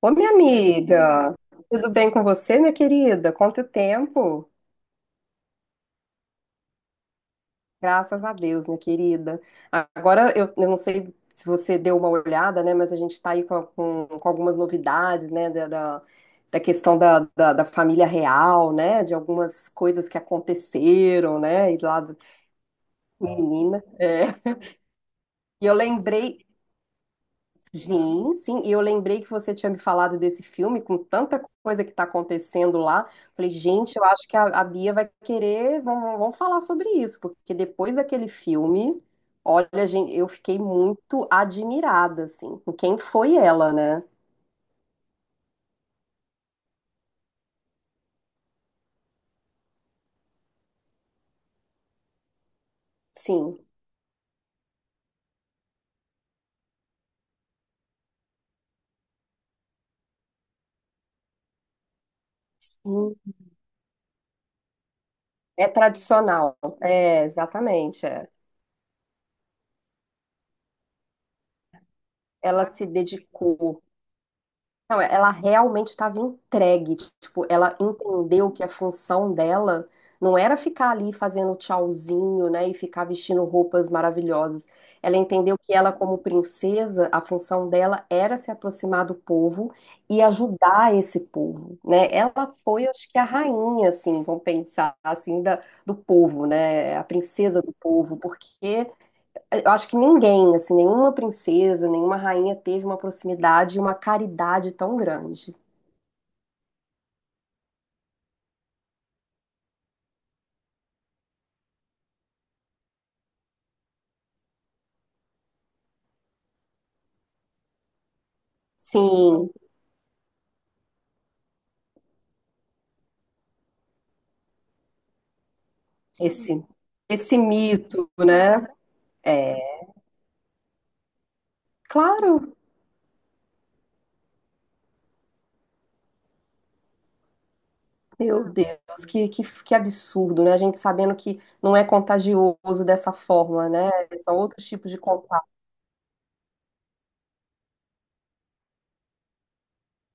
Ô, minha amiga, tudo bem com você, minha querida? Quanto tempo? Graças a Deus, minha querida. Agora, eu não sei se você deu uma olhada, né, mas a gente está aí com, com algumas novidades, né, da questão da família real, né, de algumas coisas que aconteceram, né, e lá, menina. É. E eu lembrei, sim, sim, e eu lembrei que você tinha me falado desse filme com tanta coisa que está acontecendo lá. Falei, gente, eu acho que a Bia vai querer, vamos falar sobre isso, porque depois daquele filme, olha, gente, eu fiquei muito admirada, assim, com quem foi ela, né? Sim, sim, é tradicional, é, exatamente, é. Ela se dedicou. Não, é, ela realmente estava entregue. Tipo, ela entendeu que a função dela não era ficar ali fazendo tchauzinho, né, e ficar vestindo roupas maravilhosas. Ela entendeu que ela, como princesa, a função dela era se aproximar do povo e ajudar esse povo, né? Ela foi, acho que, a rainha, assim, vamos pensar, assim, da, do povo, né? A princesa do povo, porque eu acho que ninguém, assim, nenhuma princesa, nenhuma rainha teve uma proximidade e uma caridade tão grande. Sim, esse esse mito, né? É, claro, meu Deus, que absurdo, né? A gente sabendo que não é contagioso dessa forma, né? São outros tipos de contágio.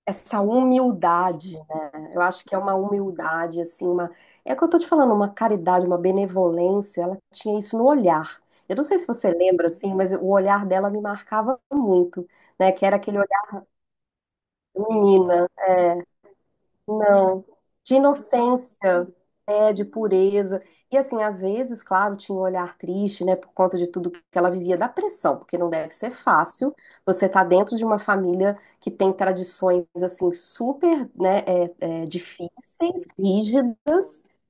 Essa humildade, né? Eu acho que é uma humildade, assim, uma. É o que eu tô te falando, uma caridade, uma benevolência. Ela tinha isso no olhar. Eu não sei se você lembra, assim, mas o olhar dela me marcava muito, né? Que era aquele olhar de menina. Não, de inocência, é, de pureza. E assim, às vezes, claro, tinha um olhar triste, né, por conta de tudo que ela vivia da pressão, porque não deve ser fácil você tá dentro de uma família que tem tradições, assim, super, né, é, é, difíceis, rígidas,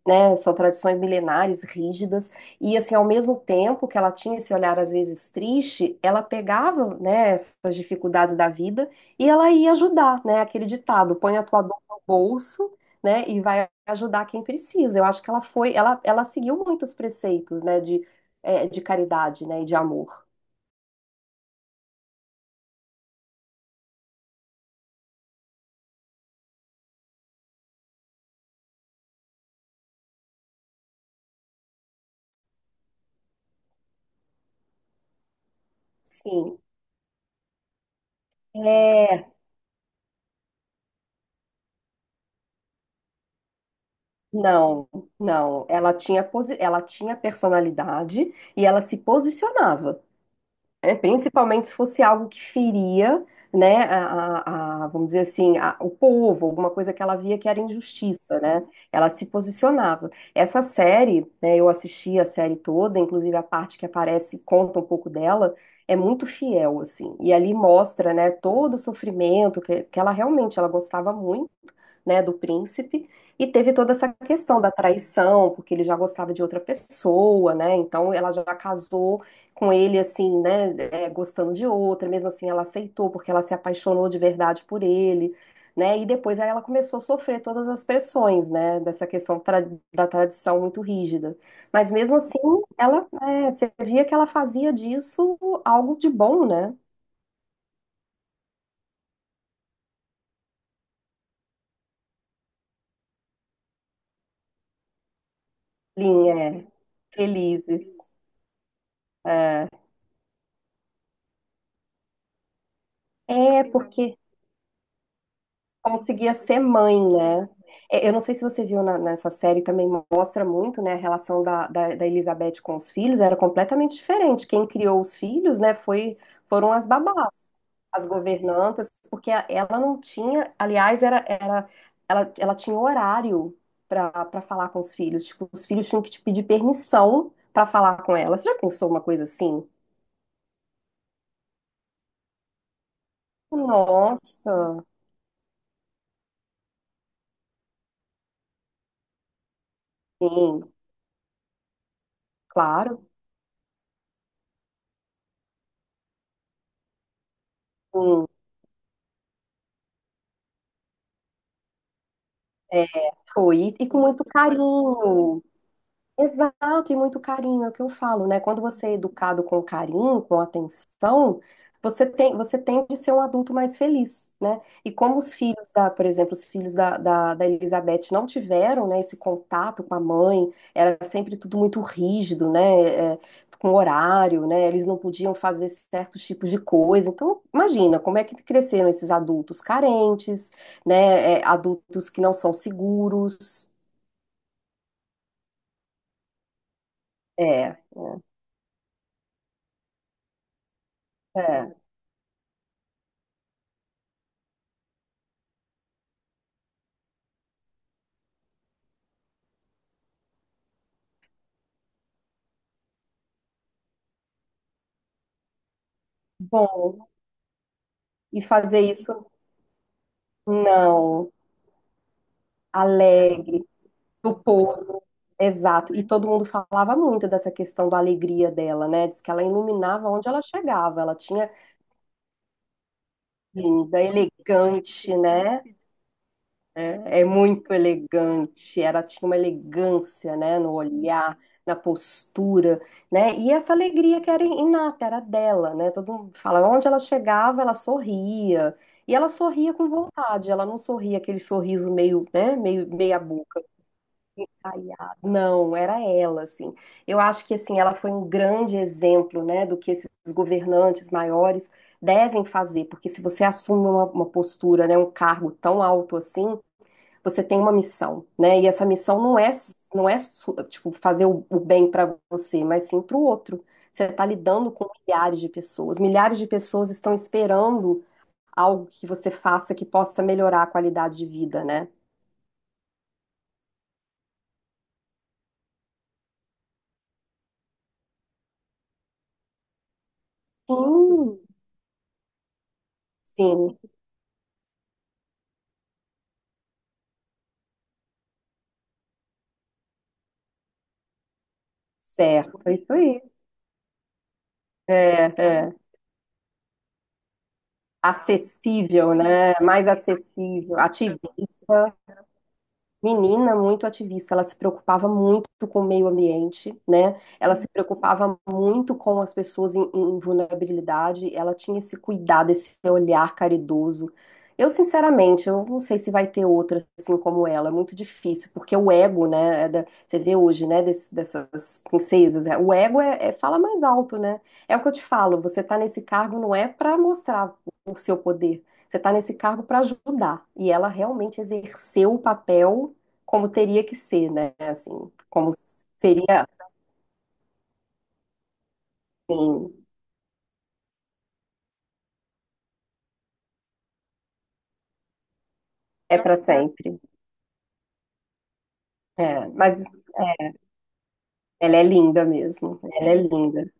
né? São tradições milenares, rígidas, e assim, ao mesmo tempo que ela tinha esse olhar às vezes triste, ela pegava, né, essas dificuldades da vida e ela ia ajudar, né? Aquele ditado, põe a tua dor no bolso, né, e vai ajudar quem precisa. Eu acho que ela foi, ela seguiu muitos preceitos, né, de, é, de caridade, né, e de amor. Sim. É, não, não. Ela tinha, ela tinha personalidade e ela se posicionava. É, principalmente se fosse algo que feria, né, a, vamos dizer assim, o povo, alguma coisa que ela via que era injustiça, né? Ela se posicionava. Essa série, né, eu assisti a série toda, inclusive a parte que aparece, conta um pouco dela, é muito fiel, assim. E ali mostra, né, todo o sofrimento que ela realmente, ela gostava muito, né, do príncipe, e teve toda essa questão da traição, porque ele já gostava de outra pessoa, né? Então ela já casou com ele assim, né, é, gostando de outra, mesmo assim ela aceitou porque ela se apaixonou de verdade por ele, né? E depois aí ela começou a sofrer todas as pressões, né, dessa da tradição muito rígida. Mas mesmo assim, ela, é, você via que ela fazia disso algo de bom, né? Linha, é, felizes. É, é porque conseguia ser mãe, né? É, eu não sei se você viu nessa série, também mostra muito, né, a relação da Elizabeth com os filhos, era completamente diferente. Quem criou os filhos, né, foi, foram as babás, as governantas, porque ela não tinha, aliás, ela, ela tinha horário para falar com os filhos, tipo, os filhos tinham que te pedir permissão para falar com ela. Você já pensou uma coisa assim? Nossa, sim, claro. Sim. Foi, e com muito carinho. Exato, e muito carinho, é o que eu falo, né? Quando você é educado com carinho, com atenção, você tem, você tende a ser um adulto mais feliz, né? E como os filhos da, por exemplo, os filhos da Elizabeth não tiveram, né, esse contato com a mãe, era sempre tudo muito rígido, né? É, com horário, né? Eles não podiam fazer certos tipos de coisa. Então, imagina como é que cresceram esses adultos carentes, né? É, adultos que não são seguros. É, é. Bom, e fazer isso, não, alegre, do povo, exato. E todo mundo falava muito dessa questão da alegria dela, né? Diz que ela iluminava onde ela chegava, ela tinha linda, elegante, né? É, é muito elegante, ela tinha uma elegância, né, no olhar, na postura, né, e essa alegria que era inata, era dela, né, todo mundo fala, onde ela chegava, ela sorria, e ela sorria com vontade, ela não sorria aquele sorriso meio, né, meio meia boca, caiado, não, era ela, assim, eu acho que, assim, ela foi um grande exemplo, né, do que esses governantes maiores devem fazer, porque se você assume uma postura, né, um cargo tão alto assim, você tem uma missão, né? E essa missão não é, não é sua, tipo fazer o bem para você, mas sim para o outro. Você está lidando com milhares de pessoas. Milhares de pessoas estão esperando algo que você faça que possa melhorar a qualidade de vida, né? Sim, sim, certo, é isso aí. É, é. Acessível, né? Mais acessível, ativista. Menina muito ativista, ela se preocupava muito com o meio ambiente, né? Ela se preocupava muito com as pessoas em, em vulnerabilidade, ela tinha esse cuidado, esse olhar caridoso. Eu, sinceramente, eu não sei se vai ter outra assim como ela, é muito difícil, porque o ego, né, é você vê hoje, né, dessas princesas, é, o ego é, fala mais alto, né? É o que eu te falo, você tá nesse cargo não é para mostrar o seu poder, você tá nesse cargo para ajudar. E ela realmente exerceu o papel como teria que ser, né? Assim, como seria, assim, é para sempre. É, mas é, ela é linda mesmo, ela é linda.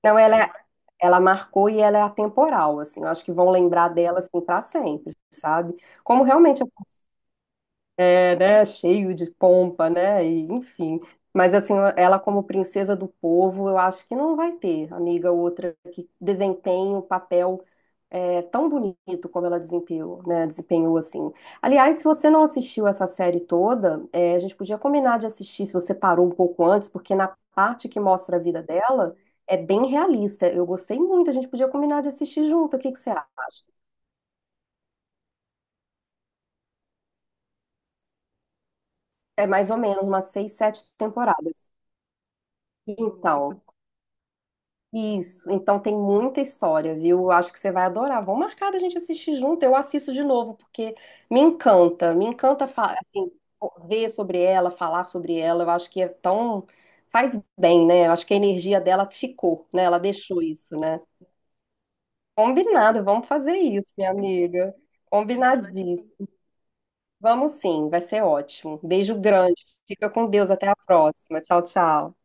Então ela marcou e ela é atemporal, assim. Eu acho que vão lembrar dela assim para sempre, sabe? Como realmente é, né, cheio de pompa, né? E, enfim. Mas assim, ela como princesa do povo, eu acho que não vai ter, amiga, outra que desempenhe o papel. É tão bonito como ela desempenhou, né? Desempenhou assim. Aliás, se você não assistiu essa série toda, é, a gente podia combinar de assistir se você parou um pouco antes, porque na parte que mostra a vida dela é bem realista. Eu gostei muito, a gente podia combinar de assistir junto. O que que você acha? É mais ou menos umas seis, sete temporadas. Então, isso, então tem muita história, viu? Eu acho que você vai adorar. Vamos marcar da gente assistir junto. Eu assisto de novo, porque me encanta, me encanta, assim, ver sobre ela, falar sobre ela. Eu acho que é tão. Faz bem, né? Eu acho que a energia dela ficou, né? Ela deixou isso, né? Combinado, vamos fazer isso, minha amiga. Combinadíssimo. Vamos sim, vai ser ótimo. Beijo grande, fica com Deus, até a próxima. Tchau, tchau.